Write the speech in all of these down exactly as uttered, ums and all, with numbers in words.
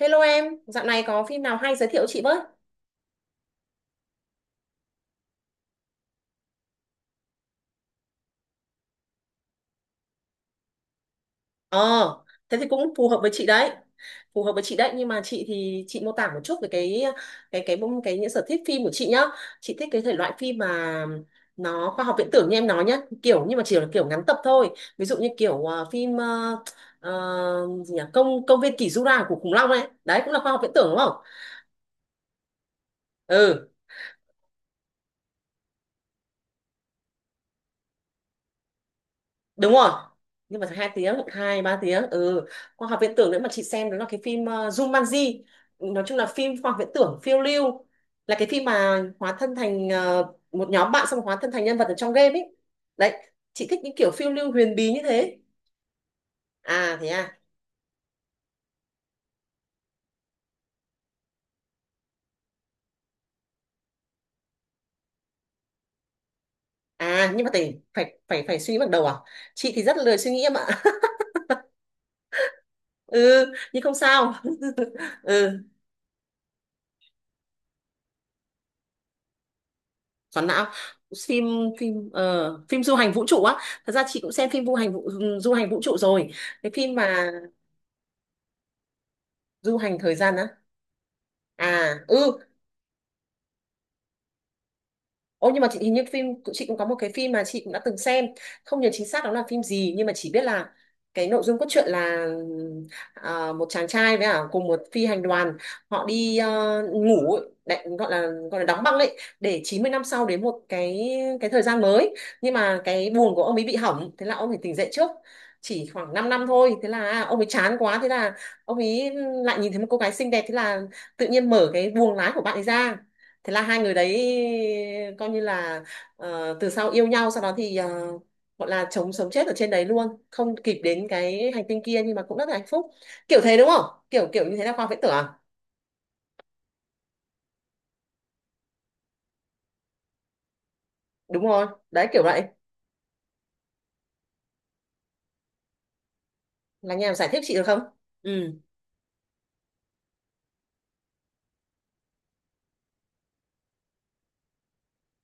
Hello em, dạo này có phim nào hay giới thiệu chị với? Ờ, thế thì cũng phù hợp với chị đấy. Phù hợp với chị đấy, nhưng mà chị thì chị mô tả một chút về cái cái cái cái những sở thích phim của chị nhá. Chị thích cái thể loại phim mà nó khoa học viễn tưởng như em nói nhá, kiểu nhưng mà chỉ là kiểu ngắn tập thôi. Ví dụ như kiểu ờ, phim ờ, ờ, gì nhỉ? Công công viên kỷ Jura của khủng long ấy. Đấy cũng là khoa học viễn tưởng đúng không? Ừ, đúng rồi, nhưng mà phải hai tiếng, hai ba tiếng. Ừ, khoa học viễn tưởng nữa mà chị xem đó là cái phim ờ, Jumanji. Nói chung là phim khoa học viễn tưởng phiêu lưu, là cái phim mà hóa thân thành ờ, một nhóm bạn, xong hóa thân thành nhân vật ở trong game ấy. Đấy, chị thích những kiểu phiêu lưu huyền bí như thế. À, thế à. À, nhưng mà phải phải phải phải suy nghĩ bằng đầu à? Chị thì rất là lười suy nghĩ em ạ. Ừ, nhưng không sao. Ừ. Xoắn não. Phim phim ờ, phim du hành vũ trụ á. Thật ra chị cũng xem phim du hành vũ du hành vũ trụ rồi. Cái phim mà du hành thời gian á. À ừ. Ô, nhưng mà chị hình như phim cũng, chị cũng có một cái phim mà chị cũng đã từng xem, không nhớ chính xác đó là phim gì, nhưng mà chỉ biết là cái nội dung cốt truyện là, à, một chàng trai với cả cùng một phi hành đoàn, họ đi, à, ngủ ấy, đại, gọi là gọi là đóng băng đấy, để chín mươi năm sau đến một cái cái thời gian mới, nhưng mà cái buồng của ông ấy bị hỏng, thế là ông ấy tỉnh dậy trước chỉ khoảng 5 năm thôi, thế là, à, ông ấy chán quá, thế là ông ấy lại nhìn thấy một cô gái xinh đẹp, thế là tự nhiên mở cái buồng lái của bạn ấy ra, thế là hai người đấy coi như là, ờ, từ sau yêu nhau, sau đó thì, ờ, gọi là chống sống chết ở trên đấy luôn, không kịp đến cái hành tinh kia nhưng mà cũng rất là hạnh phúc. Kiểu thế đúng không, kiểu kiểu như thế là khoa học viễn tưởng à? Đúng rồi, đấy kiểu vậy. Là nhà giải thích chị được không? Ừ.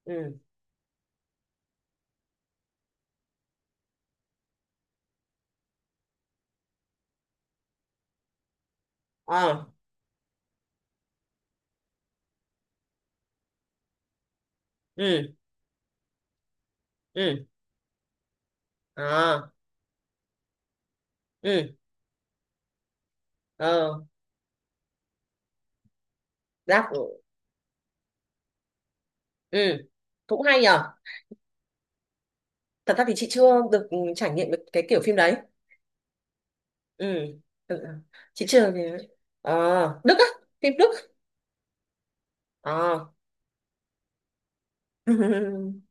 Ừ. Ờ. Ừ. Ừ. Ờ. Ừ. Ờ. Đáp ừ. Ừ. Cũng hay nhở. Thật ra thì chị chưa được trải nghiệm được cái kiểu phim đấy. Ừ. Ừ. Chị chưa. Ờ, Đức á? Phim Đức. Ờ.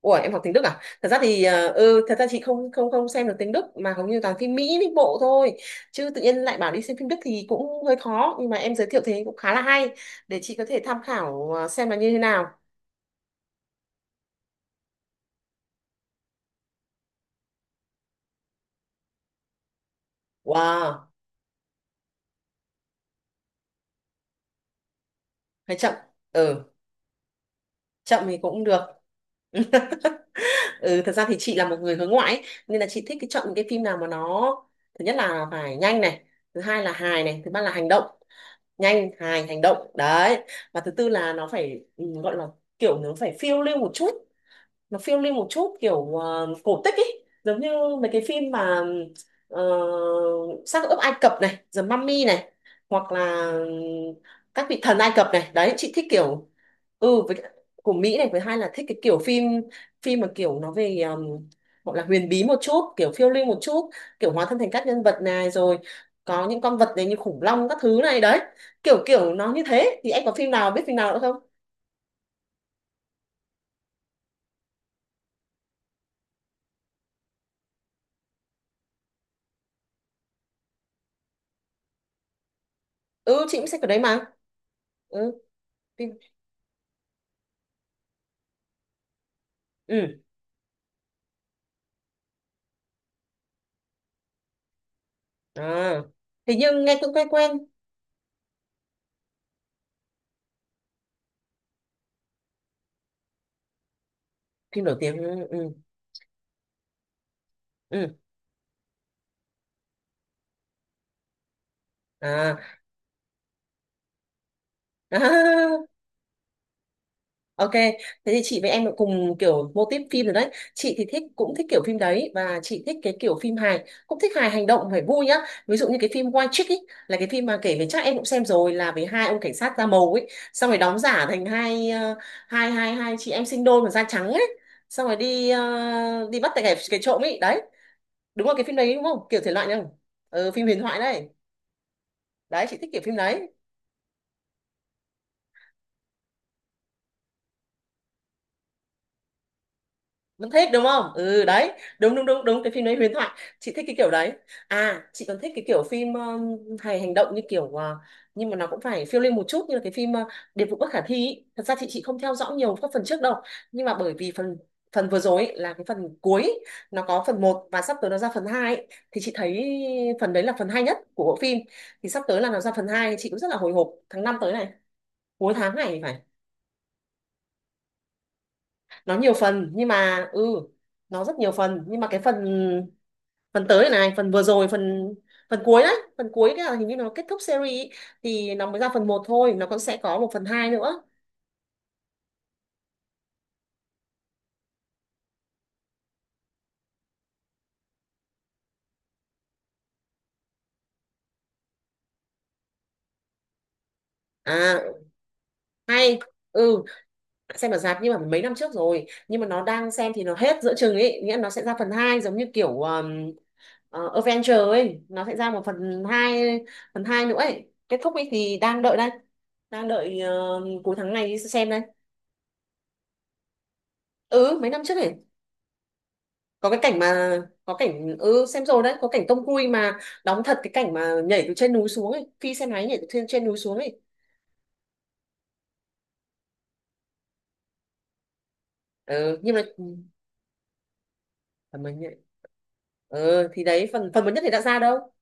Ủa, em học tiếng Đức à? Thật ra thì, ờ, ừ, thật ra chị không không không xem được tiếng Đức mà hầu như toàn phim Mỹ Mỹ bộ thôi. Chứ tự nhiên lại bảo đi xem phim Đức thì cũng hơi khó, nhưng mà em giới thiệu thế cũng khá là hay để chị có thể tham khảo ờ, xem là như thế nào. Wow, hay chậm. Ừ, chậm thì cũng được. Ừ, thật ra thì chị là một người hướng ngoại ấy, nên là chị thích cái chọn những cái phim nào mà nó, thứ nhất là phải nhanh này, thứ hai là hài này, thứ ba là hành động. Nhanh, hài, hành động đấy. Và thứ tư là nó phải, ừ, gọi là kiểu nó phải phiêu lưu một chút, nó phiêu lưu một chút kiểu, ờ, cổ tích ấy, giống như mấy cái phim mà, ờ, xác ướp Ai Cập này, The Mummy này, hoặc là các vị thần Ai Cập này. Đấy, chị thích kiểu. Ừ, với cả của Mỹ này, với hai là thích cái kiểu phim, phim mà kiểu nó về, um, gọi là huyền bí một chút, kiểu phiêu lưu một chút, kiểu hóa thân thành các nhân vật này rồi, có những con vật này như khủng long các thứ này. Đấy, kiểu kiểu nó như thế thì em có phim nào, biết phim nào nữa không? Ừ, chị cũng sẽ ở đấy mà. Ừ, phim. Ừ. À, hình như nghe cũng quen quen. Phim nổi tiếng, ừ, ừ, ừ. À. À. Ok, thế thì chị với em cũng cùng kiểu mô típ phim rồi đấy. Chị thì thích cũng thích kiểu phim đấy, và chị thích cái kiểu phim hài, cũng thích hài hành động, phải vui nhá. Ví dụ như cái phim White Chick ấy, là cái phim mà kể về, chắc em cũng xem rồi, là về hai ông cảnh sát da màu ấy, xong rồi đóng giả thành hai, ờ, hai hai hai chị em sinh đôi mà da trắng ấy, xong rồi đi, ờ, đi bắt tại cái, cái trộm ấy. Đấy, đúng là cái phim đấy đúng không, kiểu thể loại này không? Ừ, phim huyền thoại đấy. Đấy chị thích kiểu phim đấy. Vẫn thích đúng không, ừ đấy. Đúng đúng đúng đúng cái phim đấy huyền thoại. Chị thích cái kiểu đấy. À chị còn thích cái kiểu phim, um, hài hành động như kiểu, ờ, nhưng mà nó cũng phải phiêu lưu một chút, như là cái phim, ờ, Điệp vụ bất khả thi ý. Thật ra chị chị không theo dõi nhiều các phần trước đâu, nhưng mà bởi vì phần phần vừa rồi ý, là cái phần cuối ý, nó có phần một và sắp tới nó ra phần hai ý. Thì chị thấy phần đấy là phần hay nhất của bộ phim. Thì sắp tới là nó ra phần hai, chị cũng rất là hồi hộp tháng năm tới này, cuối tháng này phải. Nó nhiều phần nhưng mà, ừ, nó rất nhiều phần, nhưng mà cái phần phần tới này, phần vừa rồi, phần phần cuối đấy, phần cuối cái là hình như nó kết thúc series ý, thì nó mới ra phần một thôi, nó cũng sẽ có một phần hai nữa. À, hay. Ừ, xem ở rạp nhưng mà mấy năm trước rồi, nhưng mà nó đang xem thì nó hết giữa chừng ấy, nghĩa là nó sẽ ra phần hai, giống như kiểu, um, ờ, Avenger ấy, nó sẽ ra một phần hai, phần hai nữa ấy, kết thúc ấy. Thì đang đợi đây, đang đợi, ờ, cuối tháng này đi xem đây. Ừ, mấy năm trước ấy. có cái cảnh mà có cảnh, ừ, xem rồi đấy, có cảnh Tom Cruise mà đóng thật cái cảnh mà nhảy từ trên núi xuống ấy, phi xe máy nhảy từ trên trên núi xuống ấy. Ừ, nhưng mà phần mới nhảy. Ừ, thì đấy phần phần mới nhất thì đã ra đâu.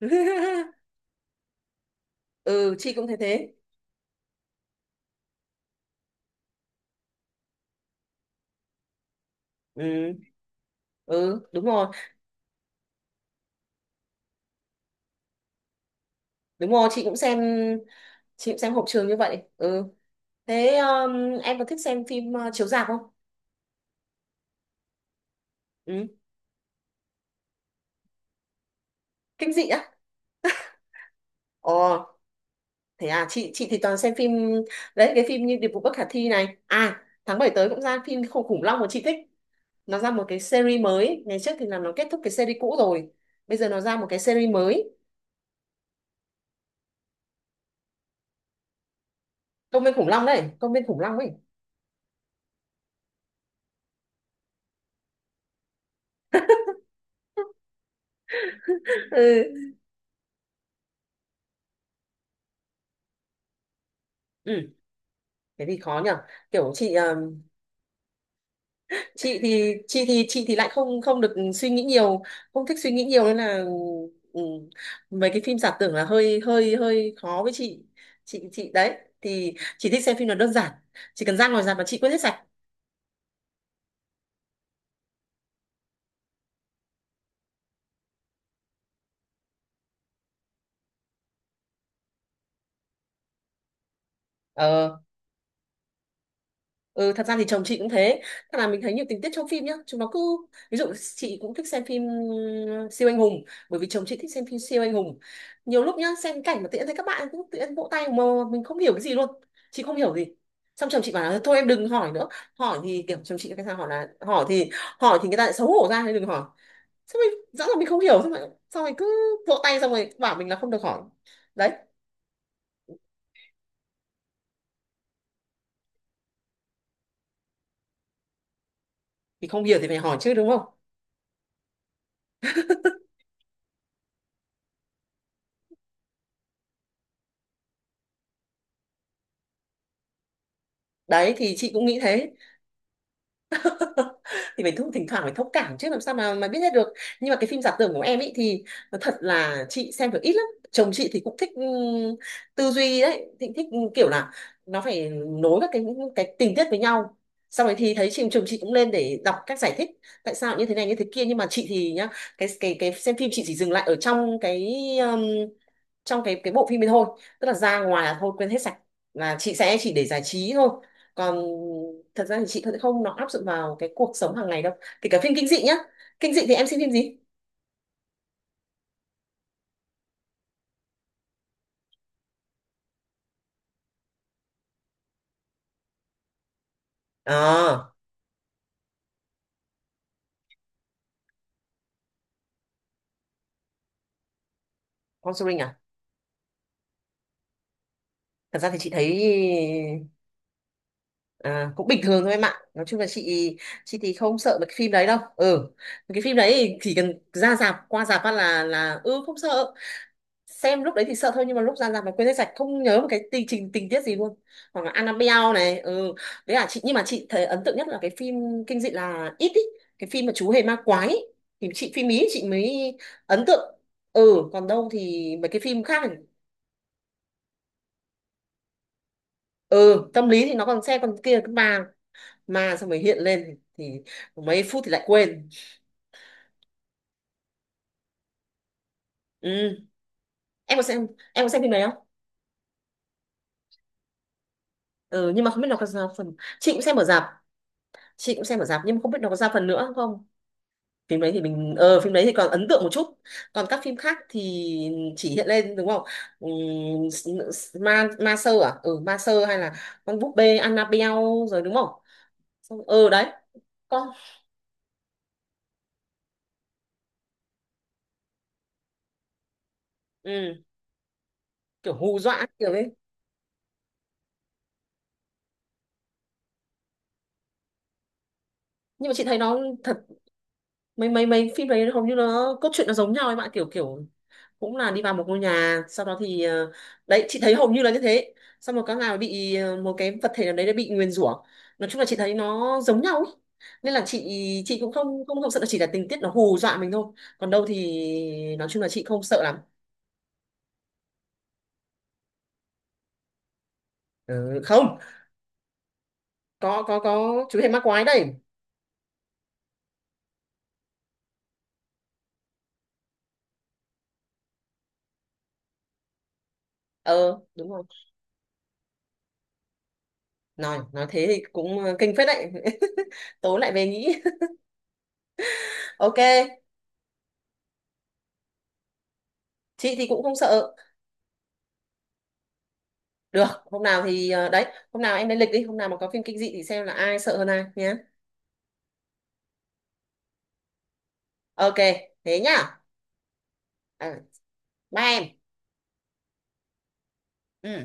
Ừ, chị cũng thấy thế. Ừ. Ừ, đúng rồi. Đúng rồi, chị cũng xem. Chị cũng xem hộp trường như vậy. Ừ. Thế, um, em có thích xem phim, uh, chiếu rạp không? Ừ, kinh dị á. Ồ. Thế à, chị chị thì toàn xem phim đấy, cái phim như Điệp vụ bất khả thi này. À, tháng bảy tới cũng ra phim Khủng khủng long mà chị thích. Nó ra một cái series mới, ngày trước thì là nó kết thúc cái series cũ rồi. Bây giờ nó ra một cái series mới. Công viên khủng long đấy, Công viên khủng long ấy. Ừ. Ừ, thế thì khó nhở. Kiểu chị, ờ, chị thì chị thì chị thì lại không không được suy nghĩ nhiều, không thích suy nghĩ nhiều, nên là, ừ, mấy cái phim giả tưởng là hơi hơi hơi khó với chị. Chị chị đấy thì chị thích xem phim nó đơn giản, chỉ cần ra ngoài rạp mà chị quên hết sạch. Ờ, ừ, thật ra thì chồng chị cũng thế. Thật là mình thấy nhiều tình tiết trong phim nhá. Chúng nó cứ, ví dụ chị cũng thích xem phim, ừm, siêu anh hùng. Bởi vì chồng chị thích xem phim siêu anh hùng. Nhiều lúc nhá, xem cảnh mà tự nhiên thấy các bạn cũng tự nhiên vỗ tay mà mình không hiểu cái gì luôn. Chị không hiểu gì. Xong chồng chị bảo là thôi em đừng hỏi nữa. Hỏi thì kiểu chồng chị cái sao, hỏi là hỏi thì, hỏi thì người ta lại xấu hổ ra nên đừng hỏi. Xong rồi rõ là mình không hiểu, xong rồi, xong rồi cứ vỗ tay xong rồi bảo mình là không được hỏi. Đấy, thì không hiểu thì phải hỏi chứ đúng không? Đấy thì chị cũng nghĩ thế. Thì phải thông thỉnh thoảng phải thông cảm chứ, làm sao mà mà biết hết được. Nhưng mà cái phim giả tưởng của em ấy thì nói thật là chị xem được ít lắm. Chồng chị thì cũng thích, ừm, tư duy đấy, thích, thích, ừ, kiểu là nó phải nối các cái cái tình tiết với nhau. Sau đấy thì thấy chị chồng chị cũng lên để đọc các giải thích tại sao như thế này như thế kia. Nhưng mà chị thì nhá, cái cái cái xem phim chị chỉ dừng lại ở trong cái trong cái cái bộ phim ấy thôi, tức là ra ngoài là thôi quên hết sạch, là chị sẽ chỉ để giải trí thôi. Còn thật ra thì chị cũng không nó áp dụng vào cái cuộc sống hàng ngày đâu, kể cả phim kinh dị nhá. Kinh dị thì em xem phim gì? À, Conjuring à. Thật ra thì chị thấy, à, cũng bình thường thôi em ạ. Nói chung là chị chị thì không sợ mấy cái phim đấy đâu. Ừ, cái phim đấy thì chỉ cần ra rạp, qua rạp phát là là ừ, không sợ. Xem lúc đấy thì sợ thôi, nhưng mà lúc ra rạp mà quên hết sạch, không nhớ một cái tình trình tình tiết gì luôn. Hoặc là Annabelle này, ừ, đấy là chị. Nhưng mà chị thấy ấn tượng nhất là cái phim kinh dị là It ý, cái phim mà chú hề ma quái ý. Thì chị phim Ý chị mới ấn tượng. Ừ, còn đâu thì mấy cái phim khác thì, ừ, tâm lý thì nó còn xem, còn kia cứ ma ma xong rồi hiện lên thì mấy phút thì lại quên. Ừ, em có xem, em có xem phim đấy không? Ừ, nhưng mà không biết nó có ra phần, chị cũng xem ở rạp. Chị cũng xem ở rạp, nhưng mà không biết nó có ra phần nữa không. Phim đấy thì mình, ờ, phim đấy thì còn ấn tượng một chút. Còn các phim khác thì chỉ hiện lên, đúng không? Ừm, s- ma ma sơ à, ừ, ma sơ hay là con búp bê Annabelle, rồi đúng không? Xong- ờ đấy, con, ừ, kiểu hù dọa kiểu đấy. Nhưng mà chị thấy nó, thật, mấy mấy mấy phim đấy hầu như nó cốt truyện nó giống nhau ấy bạn, kiểu kiểu cũng là đi vào một ngôi nhà, sau đó thì, ờ, đấy chị thấy hầu như là như thế, xong rồi các nào bị, ờ, một cái vật thể nào đấy đã bị nguyền rủa. Nói chung là chị thấy nó giống nhau ấy, nên là chị chị cũng không không không sợ, chỉ là tình tiết nó hù dọa mình thôi. Còn đâu thì nói chung là chị không sợ lắm. Ừ, không, có có có chú hề ma quái đây. Ờ đúng rồi. nói nói thế thì cũng, ờ, kinh phết đấy. Tối lại về nghĩ. Ok, chị thì cũng không sợ. Được, hôm nào thì, ờ, đấy, hôm nào em lên lịch đi, hôm nào mà có phim kinh dị thì xem là ai sợ hơn ai nhé. Ok, thế nhá. Ừ, bye em. Ừ.